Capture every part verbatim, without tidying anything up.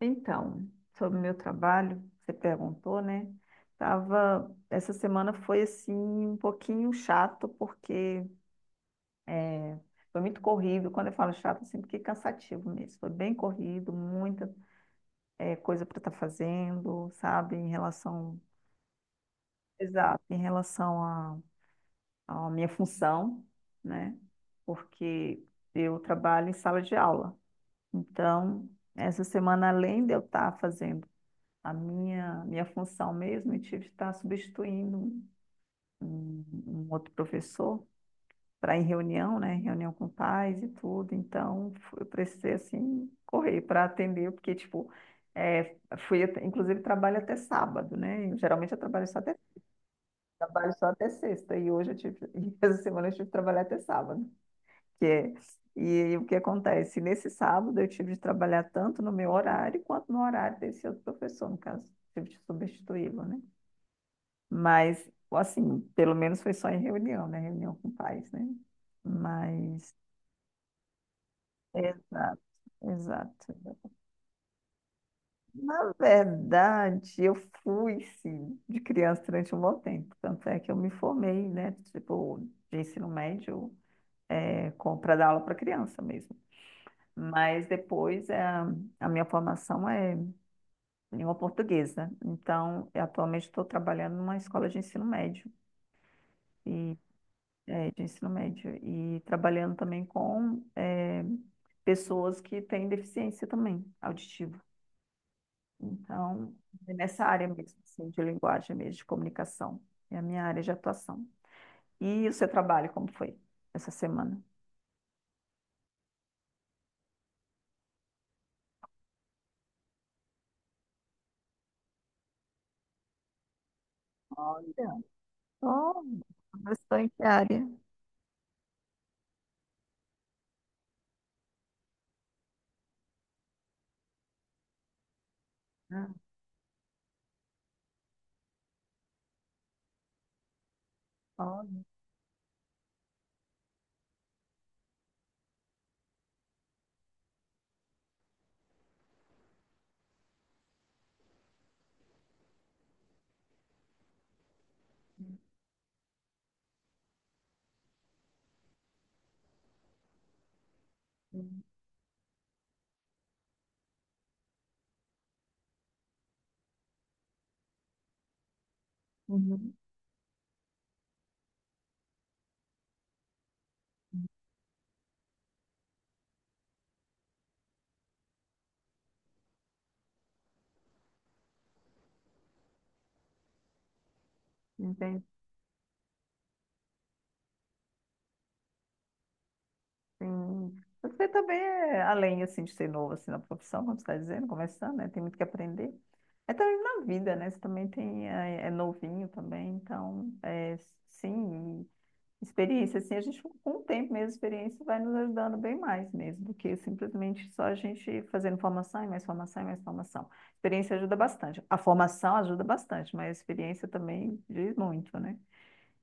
Então, sobre o meu trabalho, você perguntou, né? Tava, essa semana foi assim um pouquinho chato porque é, foi muito corrido. Quando eu falo chato, assim, porque é cansativo mesmo. Foi bem corrido, muita eh, coisa para estar fazendo, sabe? Em relação, exato, em relação à à minha função, né? Porque eu trabalho em sala de aula. Então, essa semana, além de eu estar fazendo a minha, minha função mesmo, eu tive que estar substituindo um, um- um outro professor para ir em reunião, né? Reunião com pais e tudo. Então, eu precisei, assim, correr para atender, porque, tipo, é, fui, inclusive, trabalho até sábado, né? Eu, geralmente eu trabalho só até, trabalho só até sexta, e hoje eu tive, e essa semana eu tive que trabalhar até sábado, que é, e, o que acontece? Nesse sábado eu tive de trabalhar tanto no meu horário quanto no horário desse outro professor, no caso, tive de substituí-lo, né? Mas, assim, pelo menos foi só em reunião, né? Reunião com pais, né? Mas, exato, exato. Na verdade, eu fui, sim, de criança durante um bom tempo. Tanto é que eu me formei, né? Tipo, de ensino médio, é, para dar aula para criança mesmo. Mas depois é, a minha formação é língua portuguesa. Então, eu atualmente estou trabalhando numa escola de ensino médio. E médio, ensino médio, e trabalhando também com eh, pessoas que têm deficiência também auditiva. Então, é nessa área mesmo, assim, de linguagem mesmo, de comunicação, é a minha área de atuação. E o seu trabalho, como foi essa semana? Olha, só bastante área. Ah, olha. Uhum. Uhum. Entendi. Sim. Você também é além assim de ser novo assim na profissão, como você está dizendo, começando, né? Tem muito que aprender. É também na vida, né? Você também tem é, é novinho também, então é, sim, e experiência assim, a gente com o tempo mesmo, a experiência vai nos ajudando bem mais mesmo do que simplesmente só a gente fazendo formação e mais formação e mais formação. Experiência ajuda bastante. A formação ajuda bastante, mas a experiência também diz muito, né?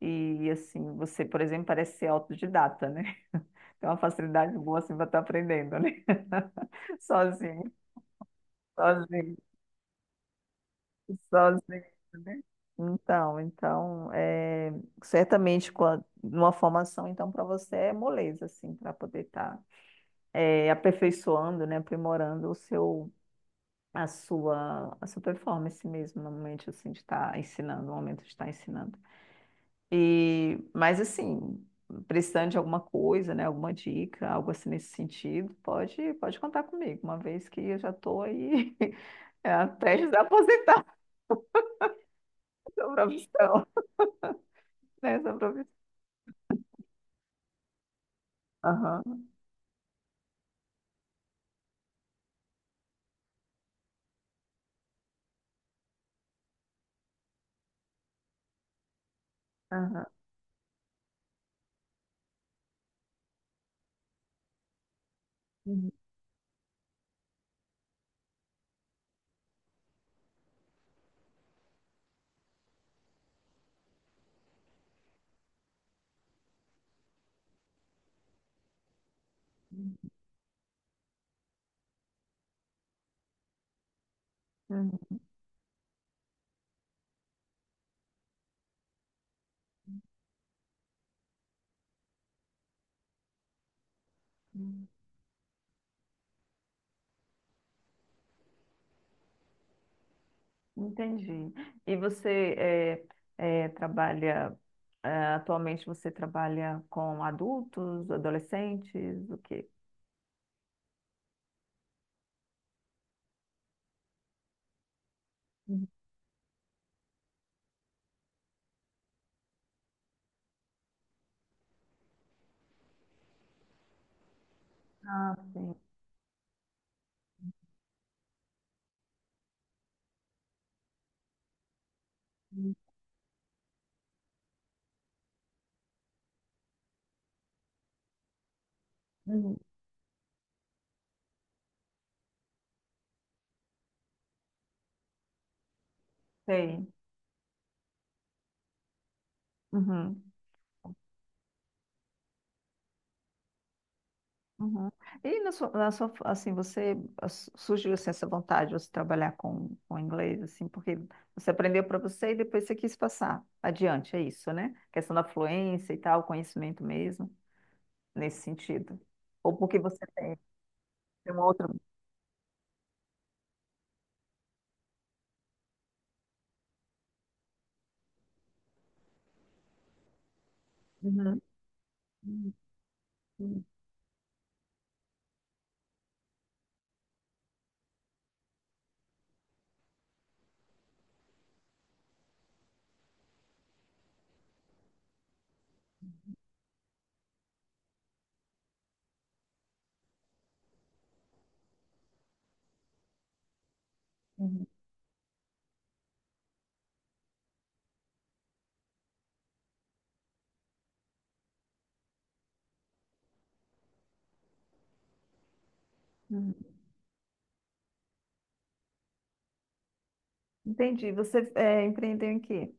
E assim, você, por exemplo, parece ser autodidata, né? É uma facilidade boa assim para estar aprendendo, né? Sozinho, sozinho, sozinho, né? Então, então, é, certamente com a- numa formação, então, para você é moleza, assim, para poder estar aperfeiçoando, né? Aprimorando o seu, a sua, a sua performance mesmo, no momento, assim, de estar ensinando, no momento de estar ensinando. E, mas assim, precisando de alguma coisa, né, alguma dica, algo assim nesse sentido, pode, pode contar comigo, uma vez que eu já estou aí é, prestes a aposentar essa profissão, né, essa profissão. Aham, aham. Uhum, uhum. Entendi. E você é, é, trabalha, é, atualmente você trabalha com adultos, adolescentes, o quê? Uhum. Ah, sim. Uhum. Sei. Uhum. Uhum. E na sua, na sua- assim, você as- surgiu assim, essa vontade de você trabalhar com, com inglês, assim, porque você aprendeu para você e depois você quis passar adiante, é isso, né? Questão da fluência e tal, conhecimento mesmo, nesse sentido. Ou porque você tem, tem uma outra. Uhum. Uhum. Uhum. Uhum. Uhum. Entendi. Você é, empreendeu em quê?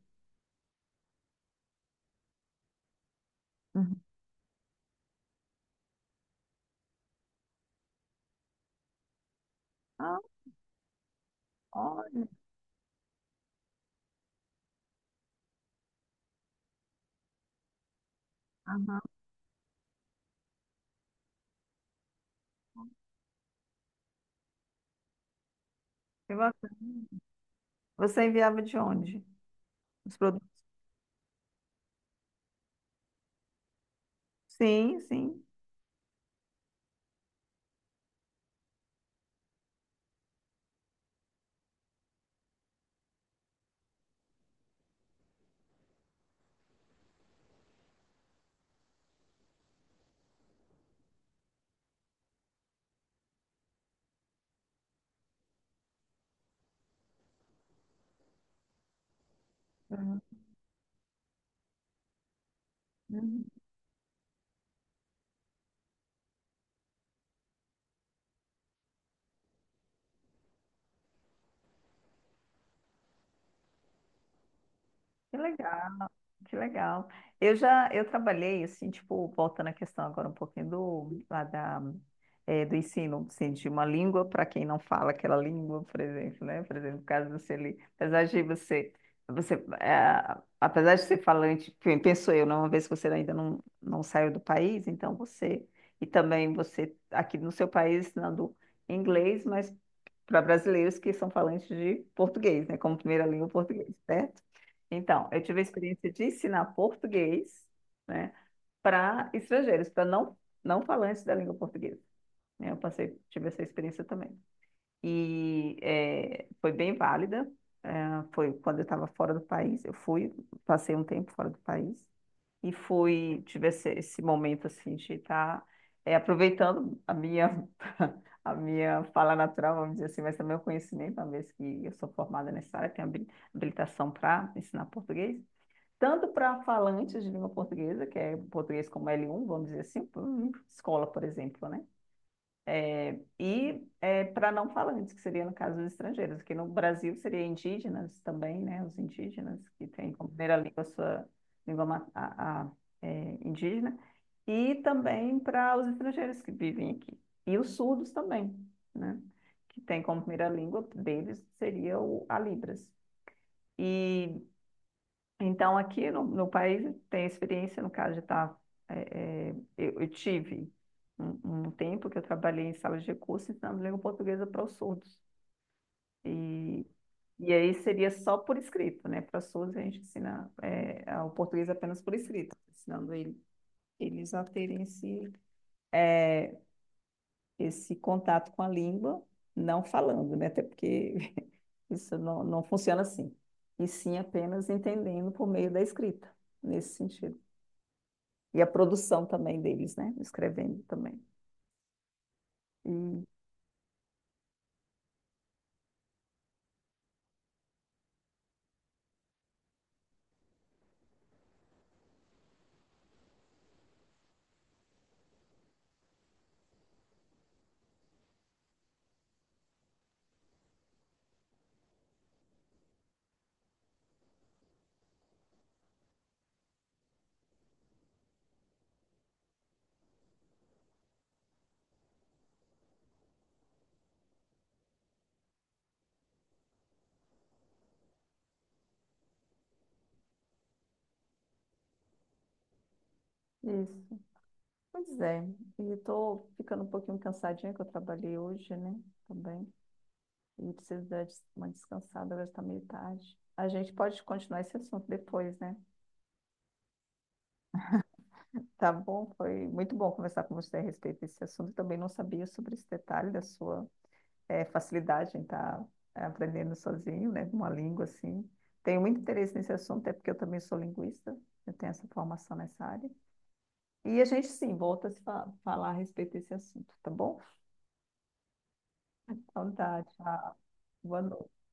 Uhum. Ah, olha. Aham. Que bacana. Você enviava de onde? Os produtos? Sim, sim. Uhum. Uhum. Que legal. Que legal. Eu já, eu trabalhei, assim, tipo, voltando à questão agora um pouquinho do, lá da, eh, do ensino, assim, de uma língua para quem não fala aquela língua, por exemplo, né? Por exemplo, no caso do Celi, apesar de você, você, eh, apesar de ser falante, pe- penso eu, né? Uma vez que você ainda não, não saiu do país, então você, e também você, aqui no seu país, ensinando inglês, mas para brasileiros que são falantes de português, né? Como primeira língua português, certo? Então, eu tive a experiência de ensinar português, né, para estrangeiros, para não, não falantes da língua portuguesa. Né? Eu passei, tive essa experiência também. E eh, foi bem válida. eh, Foi quando eu estava fora do país, eu fui, passei um tempo fora do país e fui, tive esse, esse momento assim de estar eh, aproveitando a minha a minha fala natural, vamos dizer assim, mas também o conhecimento, uma vez que eu sou formada nessa área, tenho habi- habilitação para ensinar português, tanto para falantes de língua portuguesa, que é português como L um, vamos dizer assim, por- escola, por exemplo, né? E é, para não falantes, que seria no caso dos estrangeiros, que no Brasil seria indígenas também, né? Os indígenas que têm como primeira língua a sua língua ma- a, a, é, indígena, e também para os estrangeiros que vivem aqui. E os surdos também, né? Que têm como primeira língua deles seria o, a Libras. E então, aqui no, no país, tem a experiência, no caso de estar. eh, eh, eu, eu tive um, um tempo que eu trabalhei em sala de recursos ensinando língua portuguesa para os surdos. E, e aí seria só por escrito, né? Para surdos, a gente ensina eh, o português apenas por escrito, ensinando ele- eles a terem esse, esse contato com a língua, não falando, né? Até porque isso não, não funciona assim. E sim apenas entendendo por meio da escrita, nesse sentido. E a produção também deles, né? Escrevendo também. E isso. Pois é. E estou ficando um pouquinho cansadinha, que eu trabalhei hoje, né? Também. E preciso dar uma descansada, agora está meio tarde. A gente pode continuar esse assunto depois, né? Tá bom? Foi muito bom conversar com você a respeito desse assunto. Eu também não sabia sobre esse detalhe da sua eh, facilidade em estar tá aprendendo sozinho, né? Uma língua assim. Tenho muito interesse nesse assunto, até porque eu também sou linguista, eu tenho essa formação nessa área. E a gente sim volta a se fa- falar a respeito desse assunto, tá bom? Então tá, tchau. Boa noite.